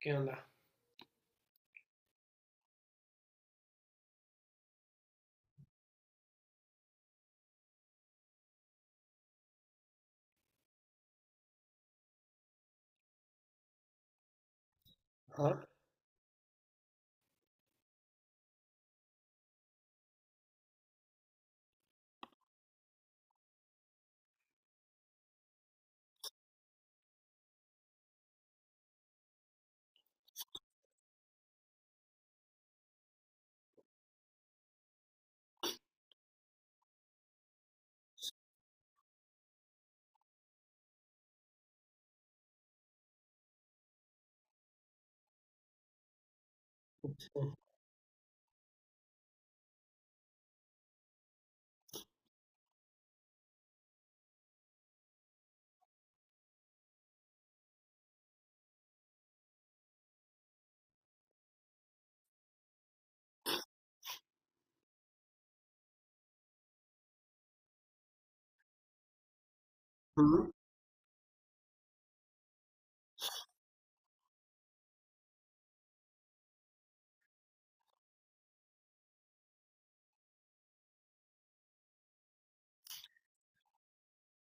¿Qué onda? Ajá. Ujú.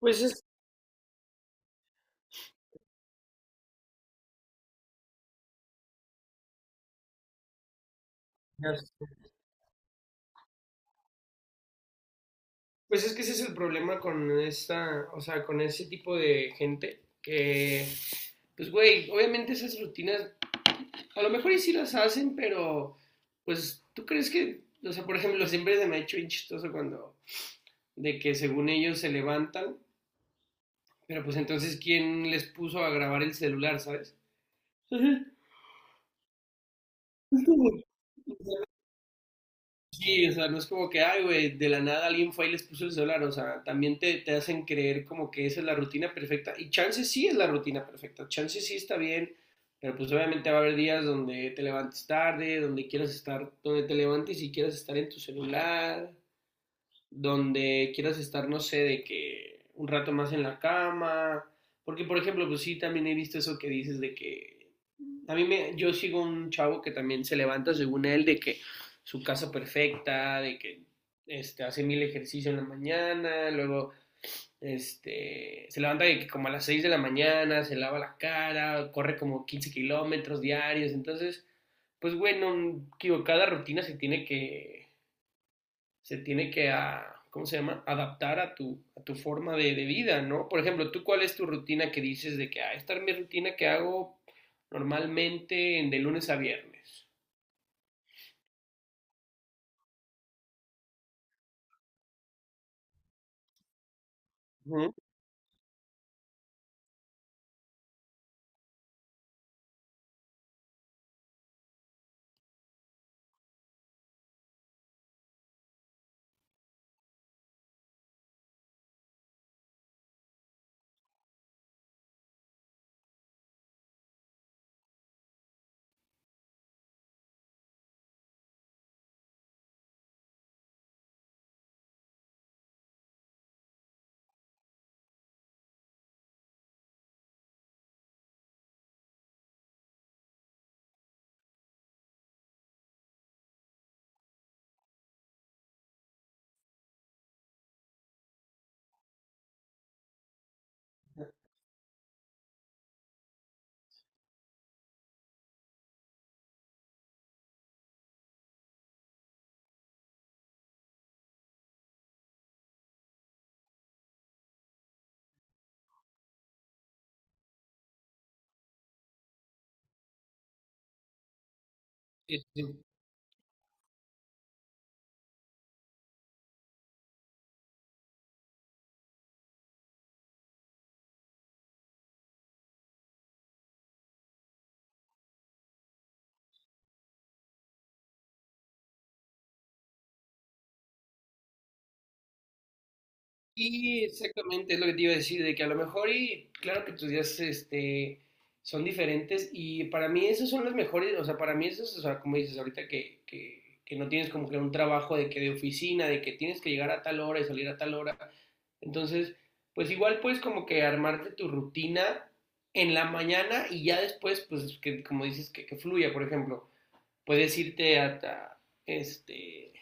Pues es, pues es que ese es el problema con esta, o sea, con ese tipo de gente que, pues güey, obviamente esas rutinas, a lo mejor y sí las hacen, pero pues tú crees que, o sea, por ejemplo, siempre se me ha hecho bien chistoso cuando, de que según ellos se levantan, pero pues entonces, ¿quién les puso a grabar el celular, sabes? Ajá. Sí, o sea, no es como que, ay, güey, de la nada alguien fue y les puso el celular, o sea, también te hacen creer como que esa es la rutina perfecta, y chance sí es la rutina perfecta, chance sí está bien, pero pues obviamente va a haber días donde te levantes tarde, donde quieras estar, donde te levantes y quieras estar en tu celular, donde quieras estar, no sé, de que un rato más en la cama, porque por ejemplo, pues sí, también he visto eso que dices de que a mí me, yo sigo un chavo que también se levanta según él de que su casa perfecta, de que hace mil ejercicio en la mañana, luego se levanta de que como a las 6 de la mañana, se lava la cara, corre como 15 kilómetros diarios, entonces, pues bueno, digo, cada rutina se tiene que ¿cómo se llama? Adaptar a tu forma de vida, ¿no? Por ejemplo, ¿tú cuál es tu rutina que dices de que, ah, esta es mi rutina que hago normalmente de lunes a viernes? Uh -huh. Y exactamente, es lo que te iba a decir, de que a lo mejor y claro que tus días son diferentes y para mí esos son los mejores, o sea, para mí esos, o sea, como dices ahorita que, que no tienes como que un trabajo de que de oficina, de que tienes que llegar a tal hora y salir a tal hora. Entonces, pues igual puedes como que armarte tu rutina en la mañana y ya después, pues que como dices, que fluya, por ejemplo, puedes irte hasta,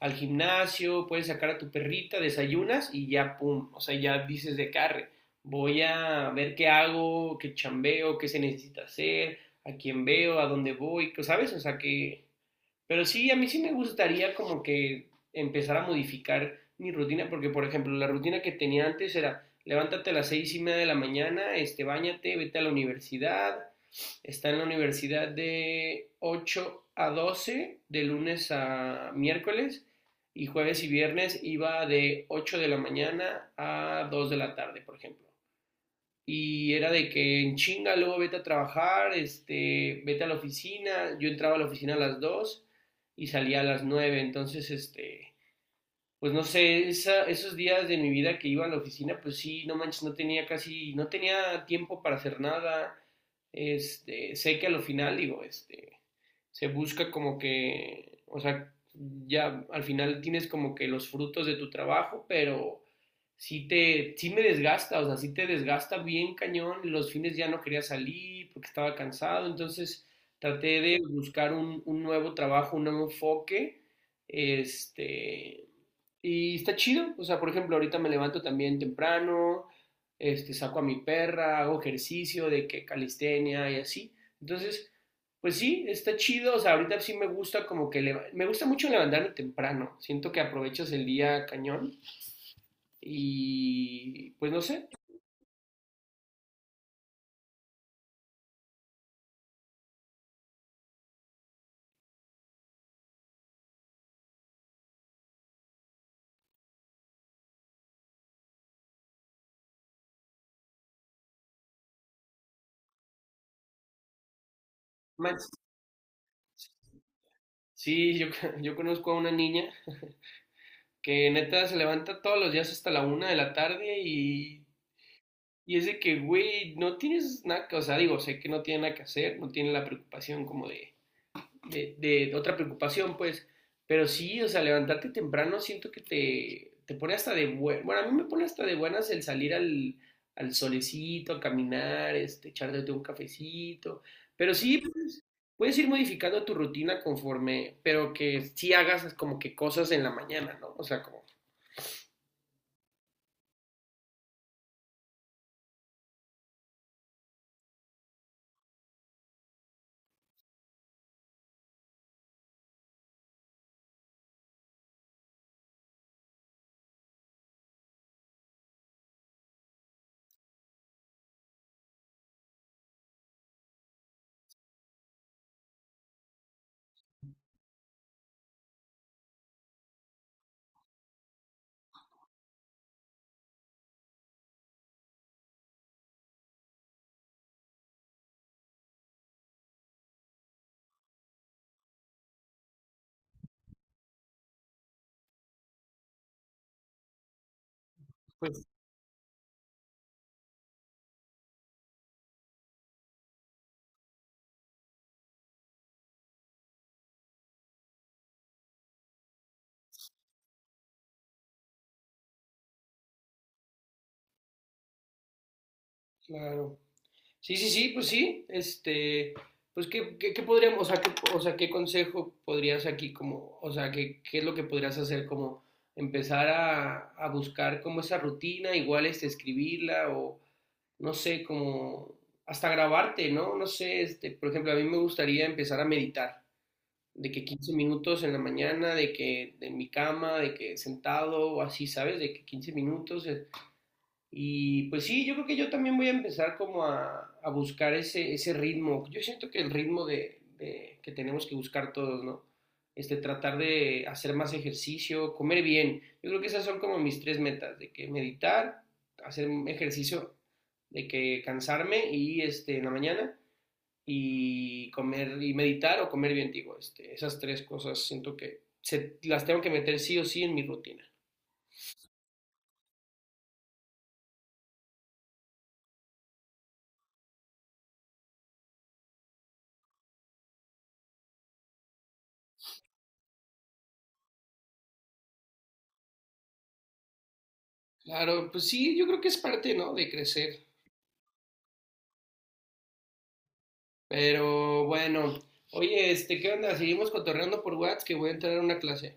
al gimnasio, puedes sacar a tu perrita, desayunas y ya, pum, o sea, ya dices de carre, voy a ver qué hago, qué chambeo, qué se necesita hacer, a quién veo, a dónde voy, ¿sabes? O sea, que pero sí, a mí sí me gustaría como que empezar a modificar mi rutina, porque por ejemplo, la rutina que tenía antes era levántate a las 6:30 de la mañana, báñate, vete a la universidad, está en la universidad de 8 a 12 de lunes a miércoles, y jueves y viernes iba de 8 de la mañana a 2 de la tarde, por ejemplo. Y era de que en chinga, luego vete a trabajar, vete a la oficina. Yo entraba a la oficina a las 2 y salía a las 9. Entonces, pues no sé, esos días de mi vida que iba a la oficina, pues sí, no manches, no tenía casi, no tenía tiempo para hacer nada. Sé que a lo final digo, se busca como que, o sea, ya al final tienes como que los frutos de tu trabajo, pero sí te, sí me desgasta, o sea, sí te desgasta bien cañón, los fines ya no quería salir porque estaba cansado, entonces traté de buscar un nuevo trabajo, un nuevo enfoque, este, y está chido, o sea, por ejemplo, ahorita me levanto también temprano, saco a mi perra, hago ejercicio de que calistenia y así. Entonces, pues sí, está chido, o sea, ahorita sí me gusta como que me gusta mucho levantarme temprano. Siento que aprovechas el día cañón y pues no sé, manches. Sí, yo, yo conozco a una niña que neta se levanta todos los días hasta la 1 de la tarde Y es de que, güey, no tienes nada, o sea, digo, sé que no tiene nada que hacer, no tiene la preocupación como de, de otra preocupación, pues, pero sí, o sea, levantarte temprano siento que te pone hasta de buenas, bueno, a mí me pone hasta de buenas el salir al solecito, a caminar, echarte un cafecito, pero sí, puedes ir modificando tu rutina conforme, pero que sí hagas como que cosas en la mañana, ¿no? O sea, como... Pues, claro. Sí, sí, sí, pues sí. Pues qué podríamos, o sea, qué, o sea, qué, consejo podrías aquí como, o sea, qué es lo que podrías hacer como empezar a buscar como esa rutina, igual escribirla o no sé, como hasta grabarte, ¿no? No sé, por ejemplo, a mí me gustaría empezar a meditar, de que 15 minutos en la mañana, de que en mi cama, de que sentado o así, ¿sabes? De que 15 minutos, y pues sí, yo creo que yo también voy a empezar como a buscar ese ritmo. Yo siento que el ritmo de que tenemos que buscar todos, ¿no? Tratar de hacer más ejercicio, comer bien. Yo creo que esas son como mis tres metas, de que meditar, hacer un ejercicio, de que cansarme y en la mañana y comer y meditar o comer bien, digo, esas tres cosas siento que se, las tengo que meter sí o sí en mi rutina. Claro, pues sí, yo creo que es parte, ¿no? De crecer. Pero bueno, oye, ¿qué onda? Seguimos cotorreando por WhatsApp que voy a entrar a una clase.